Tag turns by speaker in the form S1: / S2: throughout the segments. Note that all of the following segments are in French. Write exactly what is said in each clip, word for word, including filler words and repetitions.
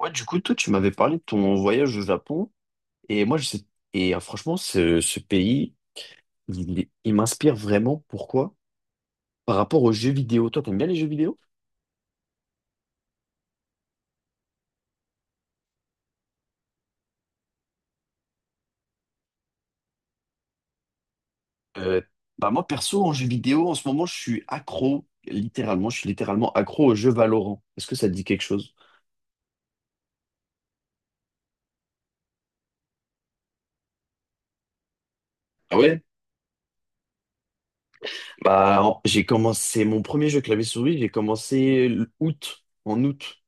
S1: Ouais, du coup, toi, tu m'avais parlé de ton voyage au Japon. Et moi, je sais. Et euh, franchement, ce, ce pays, il, est- il m'inspire vraiment. Pourquoi? Par rapport aux jeux vidéo. Toi, t'aimes bien les jeux vidéo? Euh, Bah moi, perso, en jeux vidéo, en ce moment, je suis accro. Littéralement, je suis littéralement accro au jeu Valorant. Est-ce que ça te dit quelque chose? Ah ouais? Bah, en- j'ai commencé mon premier jeu clavier-souris, j'ai commencé l'août, en août.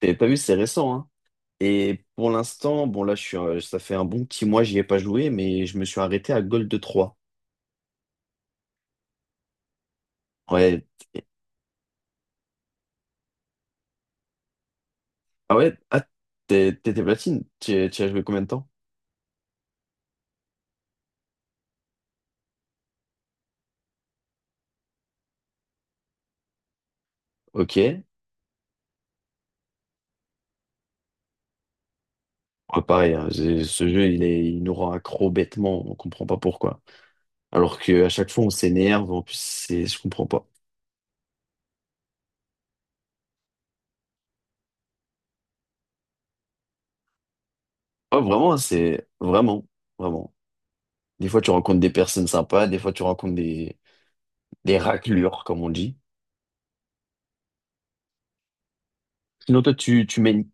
S1: T'as t'as vu, c'est récent, hein? Et pour l'instant, bon là, je suis, euh, ça fait un bon petit mois, j'y ai pas joué, mais je me suis arrêté à Gold Trois. Ouais. Ah ouais, ah, t'es- t'étais platine. Tu tu as joué combien de temps? Ok. Ouais, pareil, hein, j'ai- ce jeu, il est, il nous rend accro bêtement, on comprend pas pourquoi. Alors que à chaque fois, on s'énerve, en plus, c'est, je comprends pas. Oh, vraiment, hein, c'est vraiment, vraiment. Des fois, tu rencontres des personnes sympas, des fois, tu rencontres des, des raclures, comme on dit. Sinon, toi, tu, tu mènes.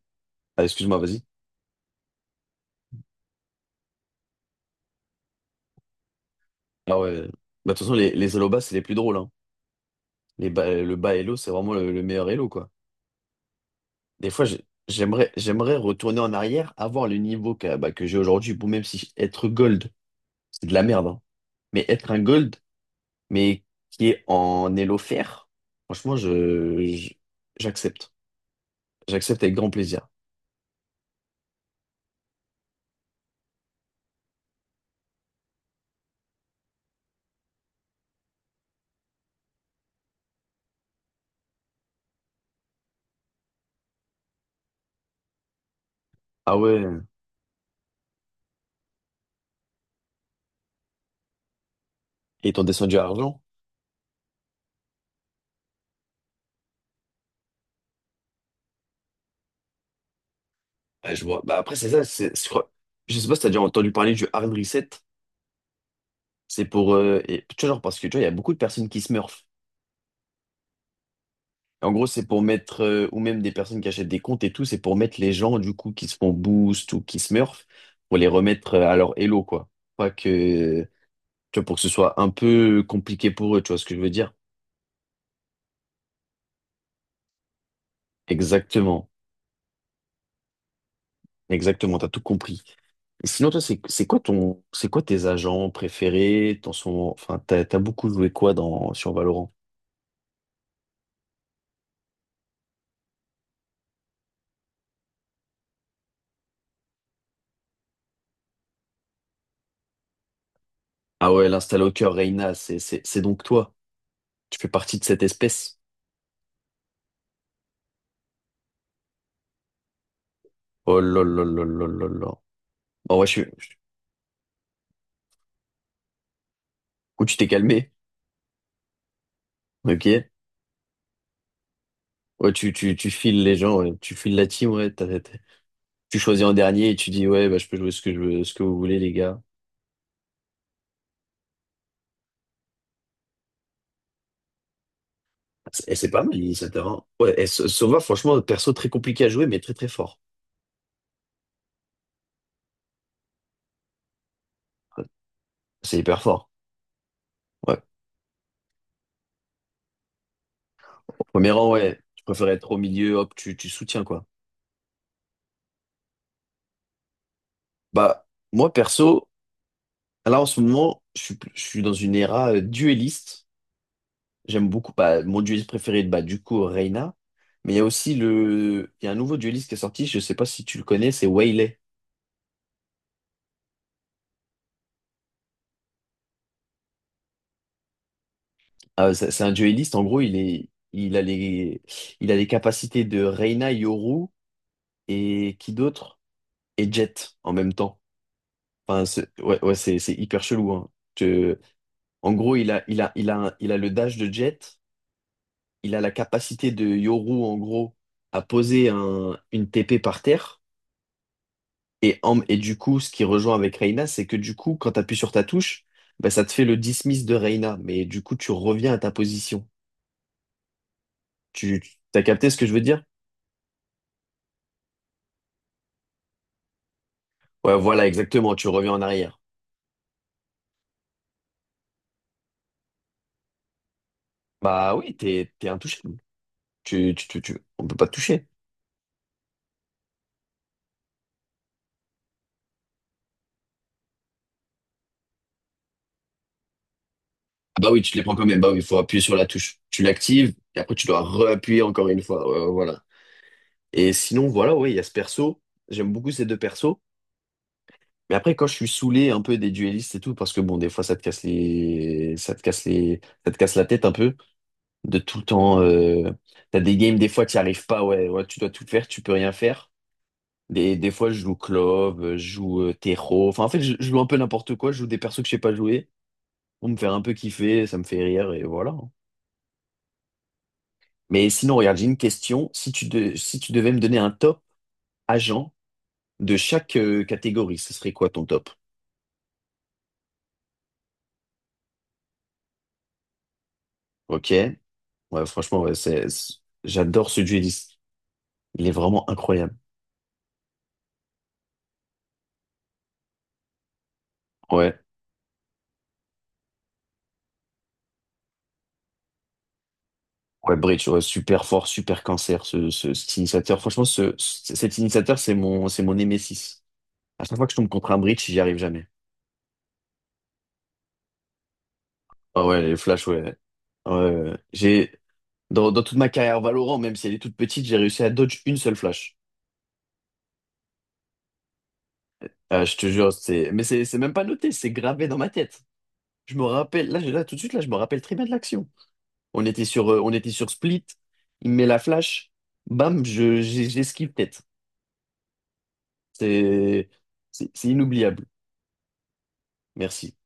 S1: Ah, excuse-moi, vas-y. Ah ouais. Bah, de toute façon, les, les Hello Bas, c'est les plus drôles. Hein. Les bas- le bas Hello, c'est vraiment le, le meilleur Hello, quoi. Des fois, j'ai- j'aimerais, j'aimerais retourner en arrière, avoir le niveau que, bah, que j'ai aujourd'hui. Bon, même si être gold, c'est de la merde. Hein. Mais être un gold, mais qui est en Hello fer, franchement, je, je- j'accepte. J'accepte avec grand plaisir. Ah ouais. Et ils t'ont descendu à argent? Ah, je vois. Bah après, c'est ça, c'est, je crois- je sais pas si t'as déjà entendu parler du hard reset. C'est pour, euh, et, tu vois, genre, parce que tu vois, il y a beaucoup de personnes qui smurfent. En gros, c'est pour mettre, euh, ou même des personnes qui achètent des comptes et tout, c'est pour mettre les gens, du coup, qui se font boost ou qui smurf, pour les remettre euh, à leur elo, quoi. Pas que, tu vois, pour que ce soit un peu compliqué pour eux, tu vois ce que je veux dire? Exactement. Exactement, t'as tout compris. Et sinon, toi, c'est, c'est quoi ton, c'est quoi tes agents préférés? T'en sont, enfin, t'as, T'as beaucoup joué quoi dans, sur Valorant? Ah ouais, l'instalocker Reyna, c'est, c'est, c'est donc toi. Tu fais partie de cette espèce. Oh là là là là là là. Bon, ouais, je suis, je- Ou tu t'es calmé. Ok. Ouais, tu, tu, tu files les gens, ouais. Tu files la team, ouais. T'as- t'as- Tu choisis en dernier et tu dis, ouais, bah, je peux jouer ce que je veux, ce que vous voulez, les gars. Et c'est pas mal, l'initiateur. Hein. Ouais, et Sa- Sova, franchement, perso très compliqué à jouer, mais très très fort. C'est hyper fort. Ouais. Au premier rang, ouais. Tu préfères être au milieu, hop, tu, tu soutiens, quoi. Bah, moi perso, là en ce moment, je suis, je suis dans une era euh, dueliste. J'aime beaucoup, bah, mon dueliste préféré, bah, du coup, Reyna. Mais il y a aussi le, il y a un nouveau dueliste qui est sorti, je sais pas si tu le connais, c'est Waylay. Ah, ouais, c'est c'est un duelliste, en gros, il est, il a les, il a les capacités de Reina, Yoru et qui d'autre? Et Jet en même temps. Enfin, c'est- ouais, ouais, c'est c'est hyper chelou, hein. Je- En gros, il a, il a, il a, un- il a le dash de Jet, il a la capacité de Yoru, en gros, à poser un, une T P par terre. Et, en- et du coup, ce qui rejoint avec Reina, c'est que du coup, quand tu appuies sur ta touche, bah, ça te fait le dismiss de Reina. Mais du coup, tu reviens à ta position. Tu, tu- t'as capté ce que je veux dire? Ouais, voilà, exactement, tu reviens en arrière. Bah oui, t'es, t'es intouchable. Tu, tu, tu, tu- on peut pas te toucher. Ah bah oui, tu les prends quand même. Bah oui, il faut appuyer sur la touche. Tu l'actives, et après tu dois réappuyer encore une fois. Euh, voilà. Et sinon, voilà, oui, il y a ce perso. J'aime beaucoup ces deux persos. Mais après, quand je suis saoulé un peu des duellistes et tout, parce que bon, des fois, ça te casse les, ça te casse les, ça te casse la tête un peu de tout le temps. Euh... T'as des games, des fois, tu n'y arrives pas. Ouais, ouais, tu dois tout faire, tu peux rien faire. Des, des fois, je joue Clove, euh, je joue euh, Terreau. Enfin, en fait, je, je joue un peu n'importe quoi. Je joue des persos que je sais pas jouer pour me faire un peu kiffer. Ça me fait rire et voilà. Mais sinon, regarde, j'ai une question. Si tu, de- si tu devais me donner un top agent de chaque euh, catégorie, ce serait quoi ton top? Ok. Ouais, franchement, ouais, c'est, c'est- j'adore ce dueliste. Il est vraiment incroyable. Ouais. Ouais, Breach, ouais, super fort, super cancer, ce, ce- cet initiateur. Franchement, ce, ce- cet initiateur, c'est mon, c'est mon némésis. À chaque fois que je tombe contre un Breach, j'y arrive jamais. Ah ouais, les flashs, ouais. Ouais, ouais. ouais. J'ai, dans, dans toute ma carrière Valorant, même si elle est toute petite, j'ai réussi à dodge une seule flash. Ah, je te jure, c'est, mais c'est c'est même pas noté, c'est gravé dans ma tête. Je me rappelle, là, j'ai- là, tout de suite, là, je me rappelle très bien de l'action. On était sur, euh, on était sur Split, il me met la flash, bam, je, j'ai- j'esquive tête. C'est, c'est c'est inoubliable. Merci.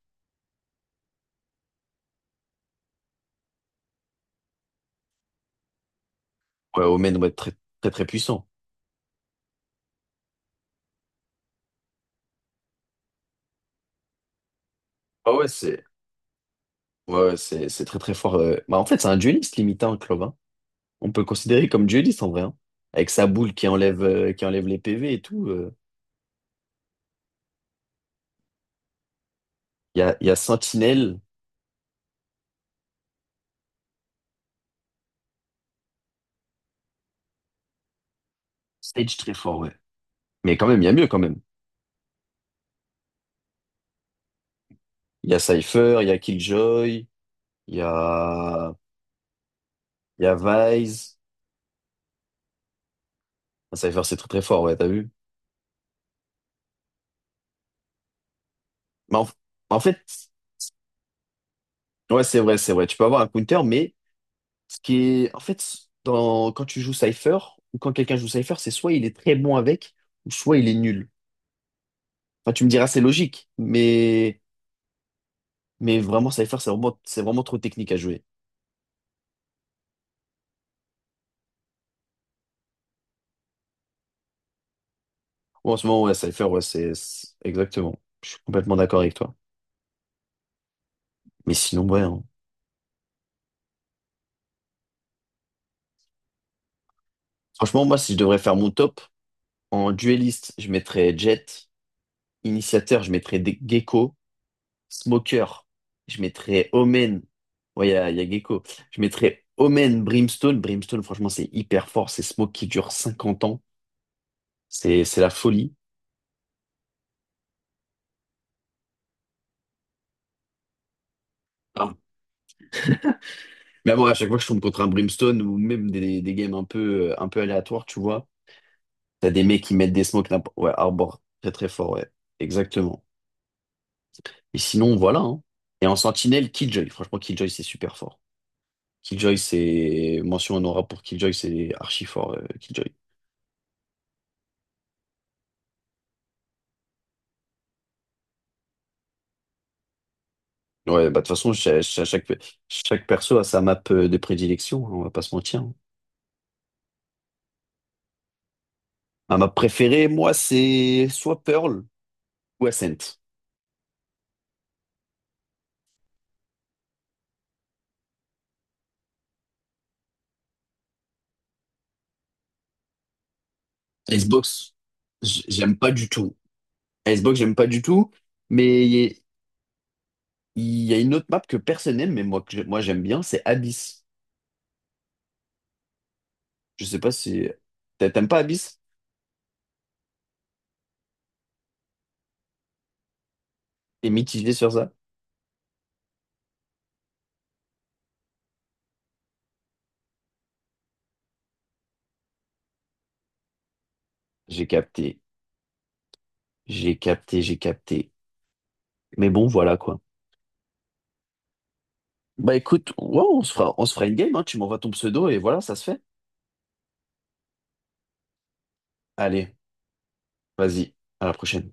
S1: Ouais, Omen doit être très, très, très puissant. Ah ouais, c'est, ouais, ouais, c'est, c'est très, très fort. euh. Bah, en fait, c'est un dueliste limite, hein, Clove, hein. On peut le considérer comme dueliste en vrai, hein. Avec sa boule qui enlève, euh, qui enlève les P V et tout. euh. Il y a, il y a Sentinel, Sage très fort, ouais. Mais quand même, il y a mieux quand même. Il y a Cypher, il y a Killjoy, il y a, il y a Vise. Ah, Cypher, c'est très très fort, ouais, t'as vu? Mais en, En fait, ouais, c'est vrai, c'est vrai. Tu peux avoir un counter, mais ce qui est. En fait, dans, quand tu joues Cypher, ou quand quelqu'un joue Cypher, c'est soit il est très bon avec, ou soit il est nul. Enfin, tu me diras, c'est logique, mais. Mais vraiment, Cypher, c'est vraiment, c'est vraiment trop technique à jouer. Ouais, en ce moment, ouais, Cypher, ouais, c'est c'est- exactement. Je suis complètement d'accord avec toi. Mais sinon, ouais. Hein. Franchement, moi, si je devrais faire mon top, en dueliste, je mettrais Jett. Initiateur, je mettrais Ge- Gecko. Smoker, je mettrais Omen. Ouais, il y a, il y a Gecko. Je mettrais Omen, Brimstone. Brimstone, franchement, c'est hyper fort. C'est Smoke qui dure cinquante ans. C'est c'est la folie. Ah. Mais bon, à chaque fois que je tombe contre un Brimstone ou même des, des games un peu, un peu aléatoires, tu vois. T'as des mecs qui mettent des smokes n'importe- Ouais, Arbor, très très fort, ouais. Exactement. Et sinon, voilà. Hein. Et en sentinelle, Killjoy. Franchement, Killjoy, c'est super fort. Killjoy, c'est... Mention honorable pour Killjoy, c'est archi fort, euh, Killjoy. Ouais, bah de toute façon, cha- cha- chaque, chaque perso a sa map euh, de prédilection, hein, on va pas se mentir. Hein. Ma map préférée, moi, c'est soit Pearl ou Ascent. Icebox, j- j'aime pas du tout. Icebox, j'aime pas du tout, mais il y a il y a une autre map que personne n'aime, mais moi, que je- moi j'aime bien, c'est Abyss. Je sais pas si t'a- t'aimes pas Abyss? T'es mitigé sur ça? J'ai capté, j'ai capté, j'ai capté. Mais bon, voilà quoi. Bah écoute, ouais, on se fera, on se fera une game, hein. Tu m'envoies ton pseudo et voilà, ça se fait. Allez, vas-y, à la prochaine.